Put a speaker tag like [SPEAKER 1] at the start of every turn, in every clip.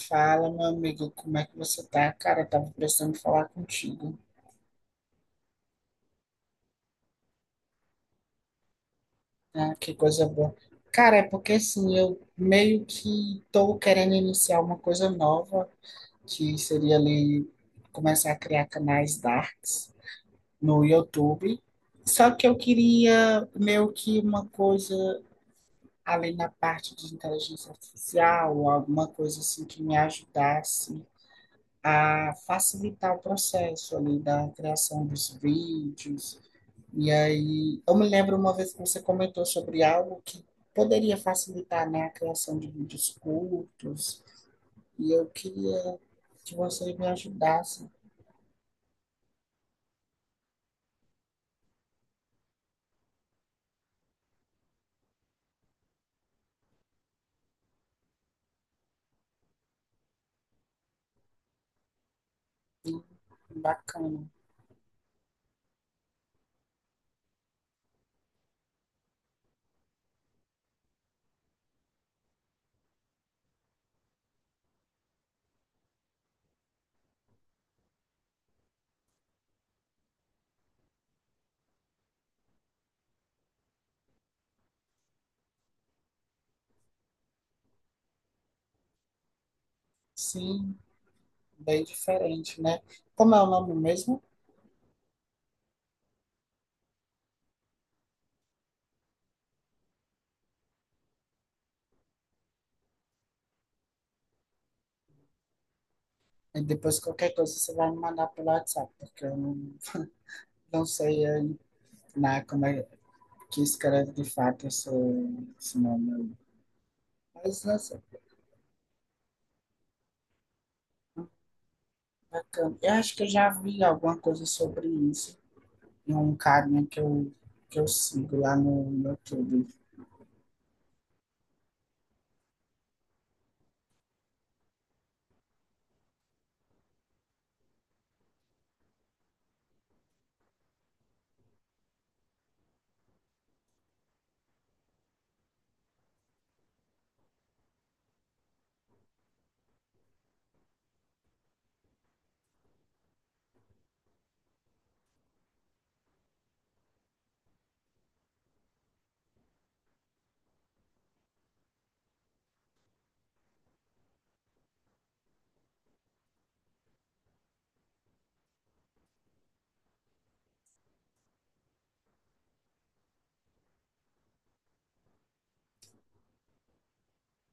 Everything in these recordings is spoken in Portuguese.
[SPEAKER 1] Fala, meu amigo, como é que você tá? Cara, eu tava precisando falar contigo. Ah, que coisa boa. Cara, é porque assim, eu meio que tô querendo iniciar uma coisa nova, que seria ali começar a criar canais darks no YouTube. Só que eu queria meio que uma coisa além na parte de inteligência artificial, alguma coisa assim que me ajudasse a facilitar o processo ali da criação dos vídeos. E aí, eu me lembro uma vez que você comentou sobre algo que poderia facilitar, né, a criação de vídeos curtos, e eu queria que você me ajudasse. E bacana. Sim, bem diferente, né? Como é o nome mesmo? E depois qualquer coisa você vai me mandar pelo WhatsApp, porque eu não, não sei aí, né, como é que escreve de fato esse nome aí. Mas, nossa, bacana. Eu acho que eu já vi alguma coisa sobre isso. É um carinha que eu sigo lá no YouTube.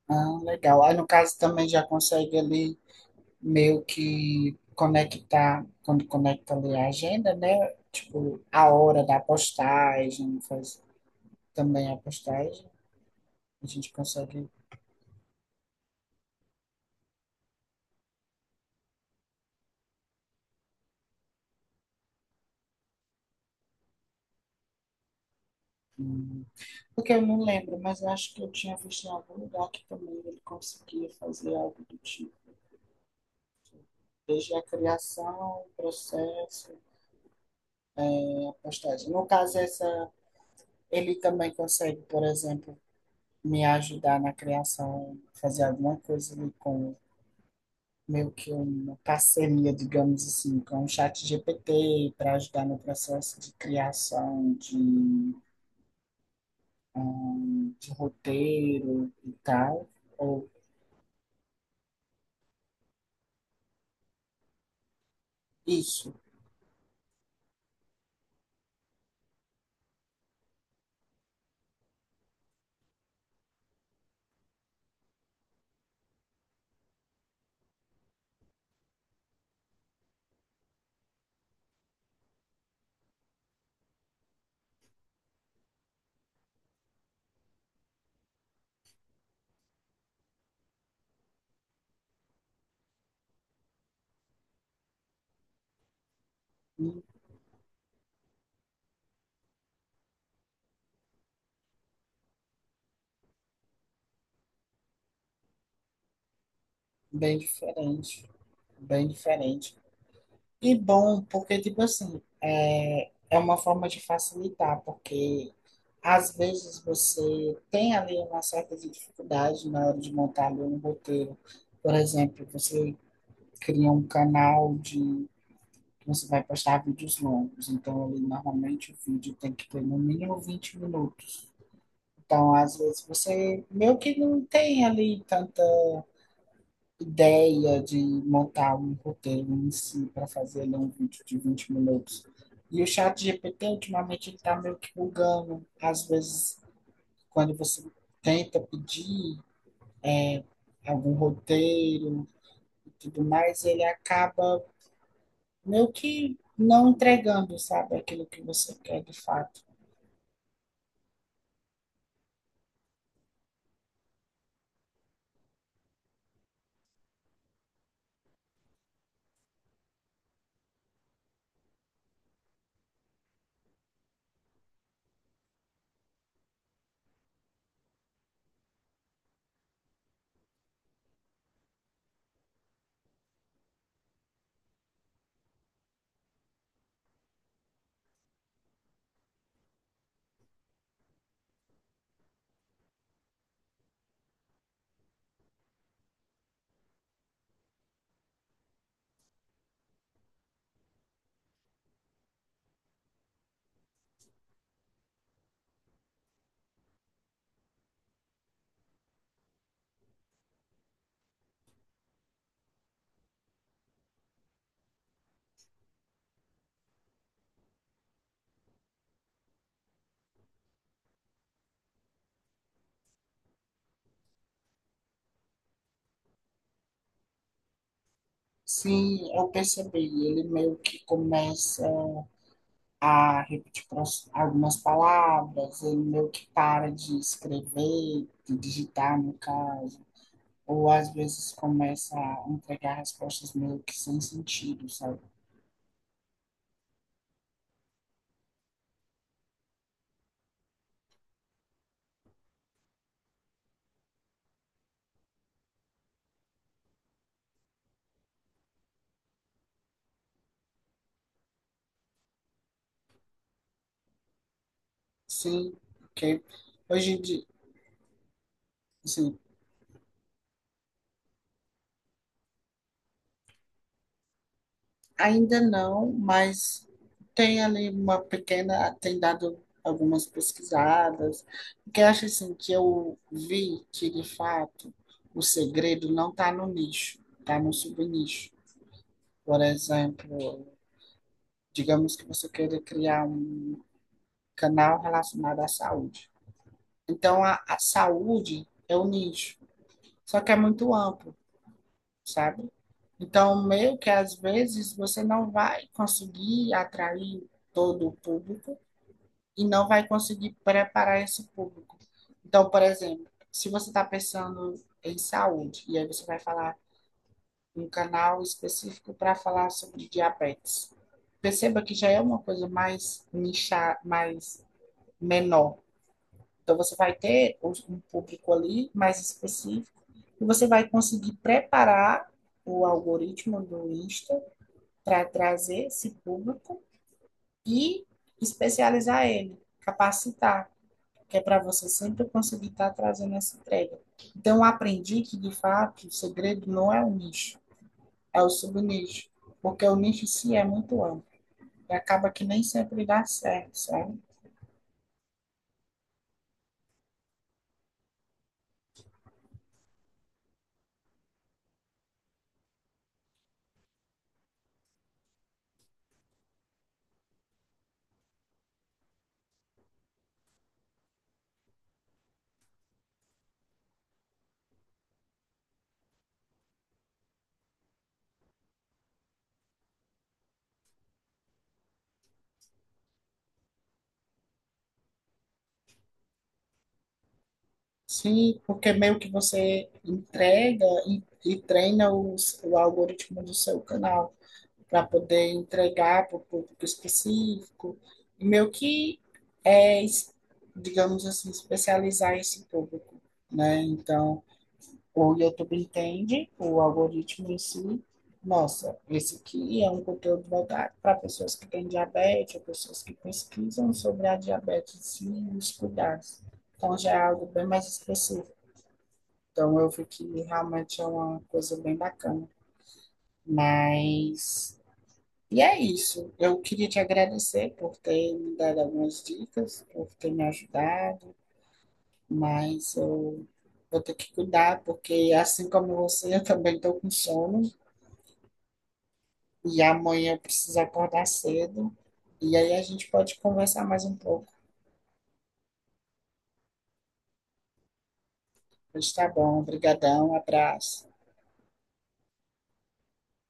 [SPEAKER 1] Ah, legal. Aí, no caso, também já consegue ali meio que conectar, quando conecta ali a agenda, né? Tipo, a hora da postagem, faz também a postagem, a gente consegue. Hum, porque eu não lembro, mas eu acho que eu tinha visto em algum lugar que também ele conseguia fazer algo do tipo. Desde a criação, o processo, a postagem. No caso, essa, ele também consegue, por exemplo, me ajudar na criação, fazer alguma coisa ali com meio que uma parceria, digamos assim, com o chat GPT para ajudar no processo de criação de roteiro e tal, ou isso, hum, bem diferente, bem diferente. E bom, porque, tipo assim, é uma forma de facilitar, porque às vezes você tem ali uma certa dificuldade na hora de montar ali um roteiro. Por exemplo, você cria um canal de que você vai postar vídeos longos, então ali normalmente o vídeo tem que ter no mínimo 20 minutos. Então, às vezes você meio que não tem ali tanto ideia de montar um roteiro em si para fazer ali um vídeo de 20 minutos. E o chat GPT, ultimamente, ele está meio que bugando. Às vezes, quando você tenta pedir é, algum roteiro e tudo mais, ele acaba meio que não entregando, sabe, aquilo que você quer de fato. Sim, eu percebi. Ele meio que começa a repetir pras- algumas palavras, ele meio que para de escrever, de digitar, no caso, ou às vezes começa a entregar respostas meio que sem sentido, sabe? Sim, porque hoje em dia, assim, ainda não, mas tem ali uma pequena, tem dado algumas pesquisadas, porque eu acho assim que eu vi que, de fato, o segredo não está no nicho, está no subnicho. Por exemplo, digamos que você queira criar um canal relacionado à saúde. Então, a saúde é o nicho, só que é muito amplo, sabe? Então, meio que às vezes você não vai conseguir atrair todo o público e não vai conseguir preparar esse público. Então, por exemplo, se você está pensando em saúde, e aí você vai falar um canal específico para falar sobre diabetes. Perceba que já é uma coisa mais nichar, mais menor. Então você vai ter um público ali mais específico e você vai conseguir preparar o algoritmo do Insta para trazer esse público e especializar ele, capacitar, que é para você sempre conseguir estar tá trazendo essa entrega. Então eu aprendi que de fato o segredo não é o nicho, é o subnicho, porque o nicho em si é muito amplo e acaba que nem sempre dá certo, sabe? Sim, porque meio que você entrega e treina o algoritmo do seu canal para poder entregar para o público específico e meio que é, es- digamos assim, especializar esse público, né? Então, o YouTube entende, o algoritmo em si, nossa, esse aqui é um conteúdo voltado para pessoas que têm diabetes, ou pessoas que pesquisam sobre a diabetes si e os cuidados. Então, já é algo bem mais específico. Então, eu vi que realmente é uma coisa bem bacana. Mas, e é isso. Eu queria te agradecer por ter me dado algumas dicas, por ter me ajudado, mas eu vou ter que cuidar, porque assim como você, eu também estou com sono. E amanhã eu preciso acordar cedo. E aí a gente pode conversar mais um pouco. Mas tá bom. Obrigadão. Abraço.